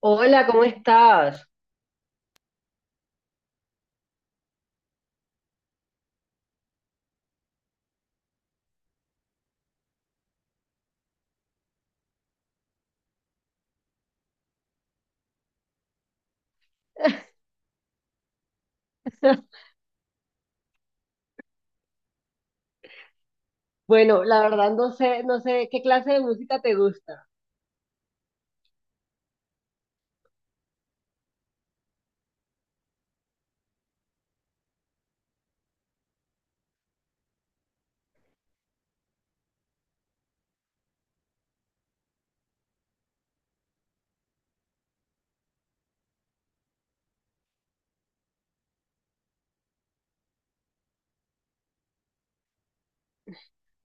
Hola, ¿cómo estás? Bueno, la verdad no sé, no sé qué clase de música te gusta.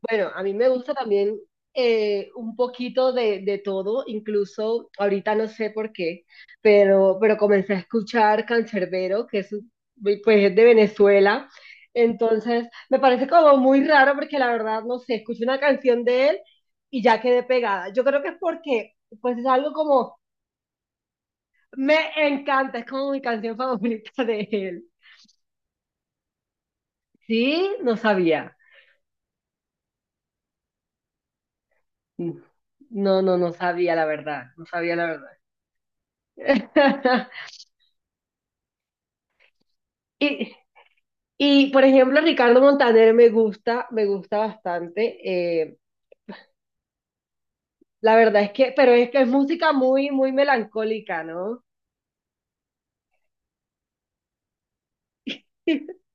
Bueno, a mí me gusta también un poquito de todo, incluso ahorita no sé por qué, pero comencé a escuchar Cancerbero, un- pues, es de Venezuela. Entonces, me parece como muy raro porque la verdad no sé, escuché una canción de él y ya quedé pegada. Yo creo que es porque, pues es algo como, me encanta, es como mi canción favorita de él. Sí, no sabía. Mm, No, no, no sabía la verdad, no sabía la verdad. Y, y, por ejemplo, Ricardo Montaner me gusta bastante. La verdad es que, pero es que es música muy, muy melancólica, ¿no?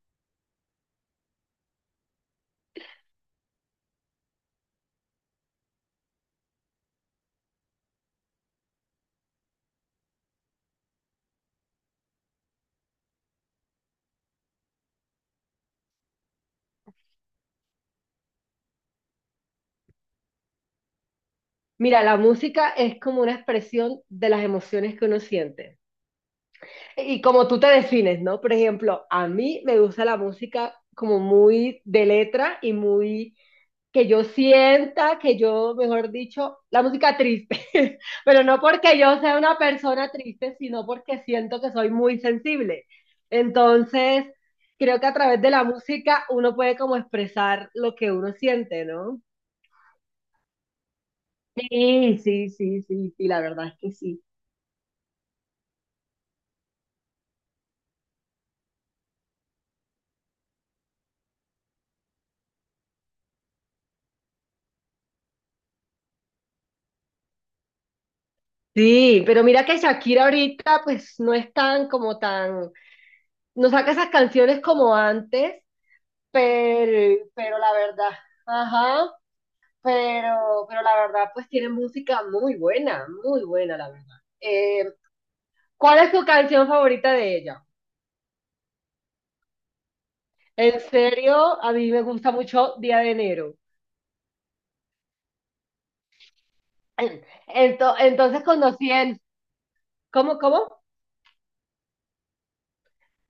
Mira, la música es como una expresión de las emociones que uno siente. Y como tú te defines, ¿no? Por ejemplo, a mí me gusta la música como muy de letra y muy que yo sienta, que yo, mejor dicho, la música triste, pero no porque yo sea una persona triste, sino porque siento que soy muy sensible. Entonces, creo que a través de la música uno puede como expresar lo que uno siente, ¿no? Sí, sí, sí, sí, sí, la verdad es que sí. Sí, pero mira que Shakira ahorita pues no es tan como tan no saca esas canciones como antes, pero la verdad, ajá, pero la verdad, pues tiene música muy buena, la verdad. Eh, ¿Cuál es tu canción favorita de ella? En serio, a mí me gusta mucho Día de Enero. Entonces conocí en... ¿Cómo, cómo?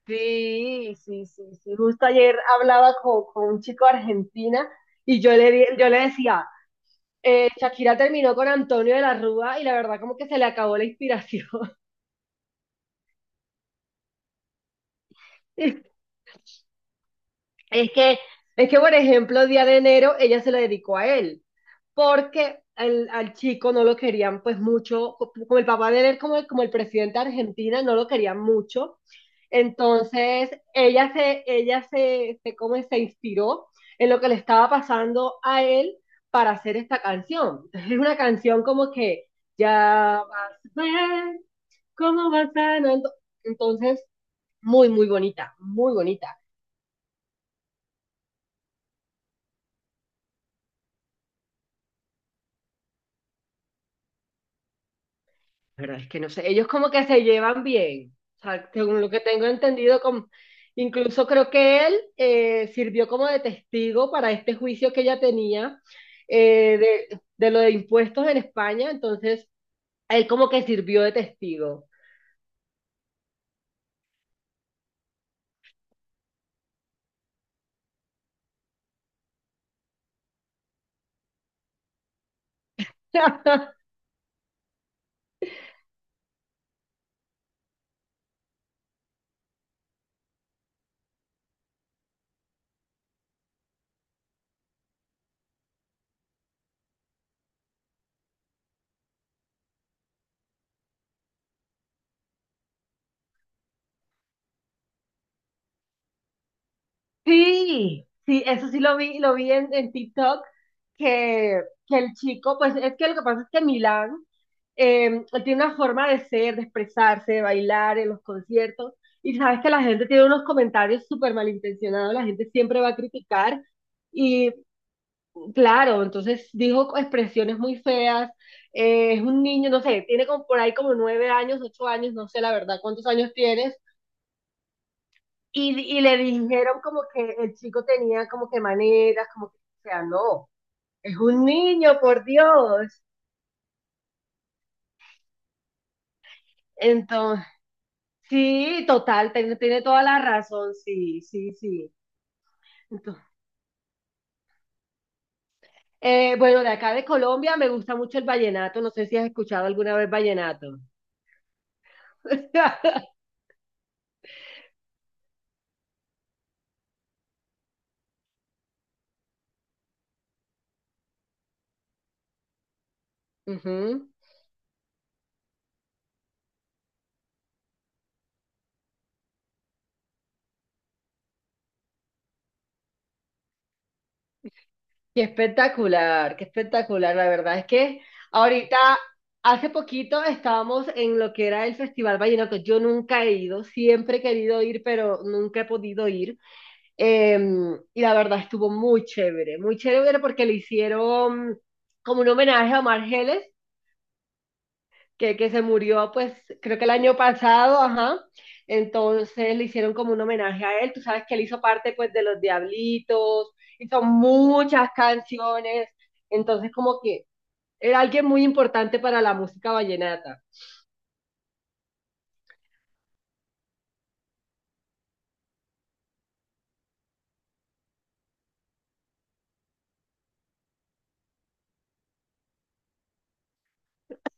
Sí, sí, sí, sí. Justo ayer hablaba con un chico de Argentina y yo le, yo le decía, Shakira terminó con Antonio de la Rúa y la verdad como que se le acabó la inspiración. Es que, es que, por ejemplo, Día de Enero ella se lo dedicó a él, porque al chico no lo querían pues mucho, como el papá de él, como el presidente de Argentina, no lo querían mucho. Entonces, como se inspiró en lo que le estaba pasando a él para hacer esta canción. Entonces, es una canción como que ya vas a ver. ¿Cómo va sanando? Entonces, muy, muy bonita, muy bonita. Pero es que no sé, ellos como que se llevan bien. O sea, según lo que tengo entendido, como- incluso creo que él, sirvió como de testigo para este juicio que ella tenía, eh, de lo de impuestos en España. Entonces, él como que sirvió de testigo. Sí, sí, eso sí lo vi en TikTok, que, que el chico, pues es que lo que pasa es que Milán, él tiene una forma de ser, de expresarse, de bailar en los conciertos, y sabes que la gente tiene unos comentarios súper malintencionados, la gente siempre va a criticar, y claro, entonces dijo expresiones muy feas, es un niño, no sé, tiene como por ahí como 9 años, 8 años, no sé la verdad cuántos años tienes, y le dijeron como que el chico tenía como que maneras, como que, o sea, no, es un niño, por Dios. Entonces, sí, total, tiene, tiene toda la razón, sí, sí, sí. Entonces, bueno, de acá de Colombia me gusta mucho el vallenato, no sé si has escuchado alguna vez vallenato. Ujú. Qué espectacular, qué espectacular. La verdad es que ahorita, hace poquito estábamos en lo que era el Festival Vallenato. Yo nunca he ido, siempre he querido ir, pero nunca he podido ir. Eh, y la verdad estuvo muy chévere porque le hicieron como un homenaje a Omar Geles que se murió, pues creo que el año pasado, ajá. Entonces le hicieron como un homenaje a él. Tú sabes que él hizo parte pues de Los Diablitos, hizo muchas canciones. Entonces como que era alguien muy importante para la música vallenata.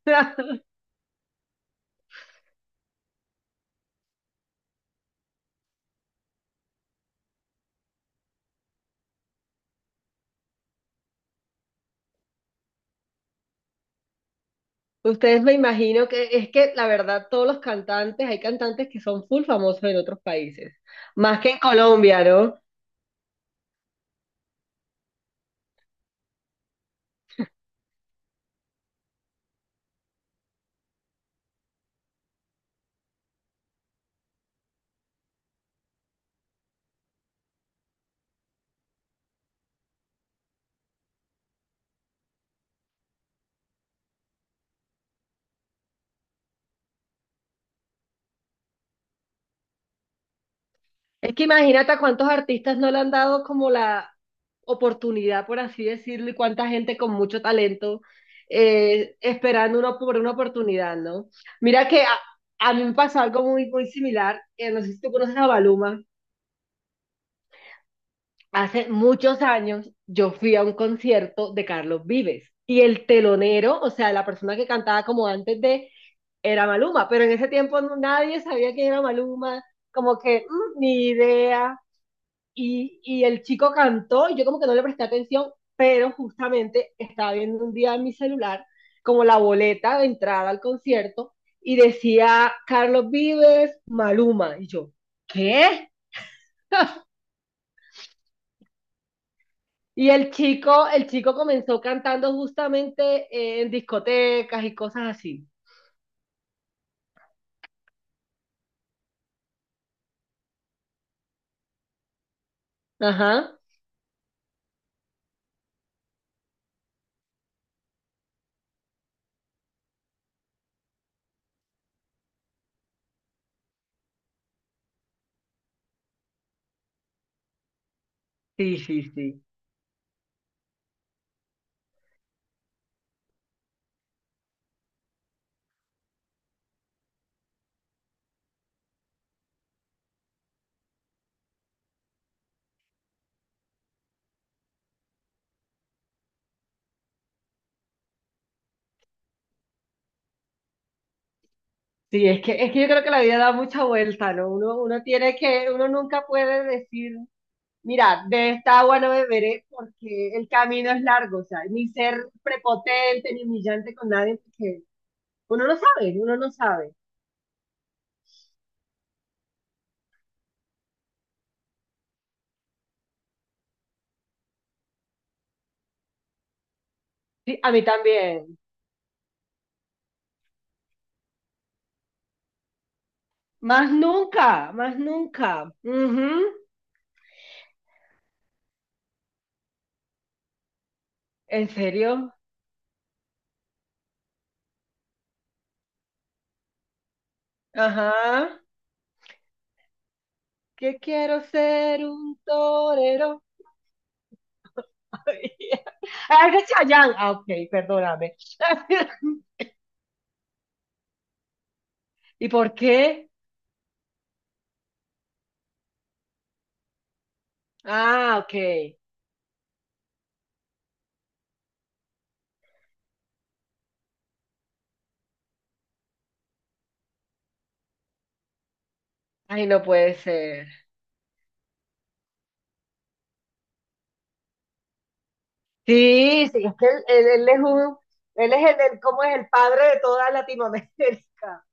Ustedes me imagino que es que la verdad todos los cantantes, hay cantantes que son full famosos en otros países, más que en Colombia, ¿no? Es que imagínate a cuántos artistas no le han dado como la oportunidad, por así decirlo, y cuánta gente con mucho talento, esperando una, por una oportunidad, ¿no? Mira que a mí me pasó algo muy, muy similar. No sé si tú conoces a Maluma. Hace muchos años yo fui a un concierto de Carlos Vives y el telonero, o sea, la persona que cantaba como antes de, era Maluma, pero en ese tiempo nadie sabía quién era Maluma, como que mm, ni idea. Y el chico cantó y yo como que no le presté atención, pero justamente estaba viendo un día en mi celular como la boleta de entrada al concierto y decía Carlos Vives, Maluma. Y yo, ¿qué? Y el chico comenzó cantando justamente en discotecas y cosas así. Ajá. Sí, sí, sí. Sí, es que yo creo que la vida da mucha vuelta, ¿no? Uno, uno tiene que, uno nunca puede decir mira, de esta agua no beberé porque el camino es largo, o sea, ni ser prepotente ni humillante con nadie, porque uno no sabe, uno no sabe. Sí, a mí también. Más nunca, más nunca. Ujú. ¿En serio? Ajá. Que quiero ser un torero. Ay, ah, es de Chayanne. Ah, ok, perdóname. ¿Y por qué? Ah, ok. Ay, no puede ser. Sí, sí, es que él- él es un, él es el- ¿cómo es? El padre de toda Latinoamérica.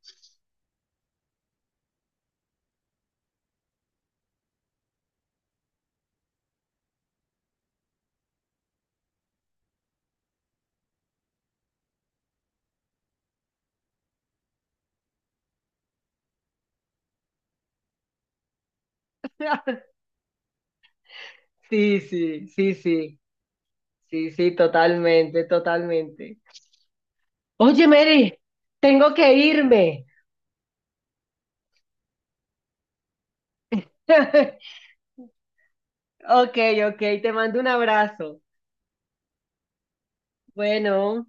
Sí, sí, sí, sí, sí, sí, totalmente, totalmente. Oye, Mary, tengo que irme. Ok, ok, te mando un abrazo. Bueno.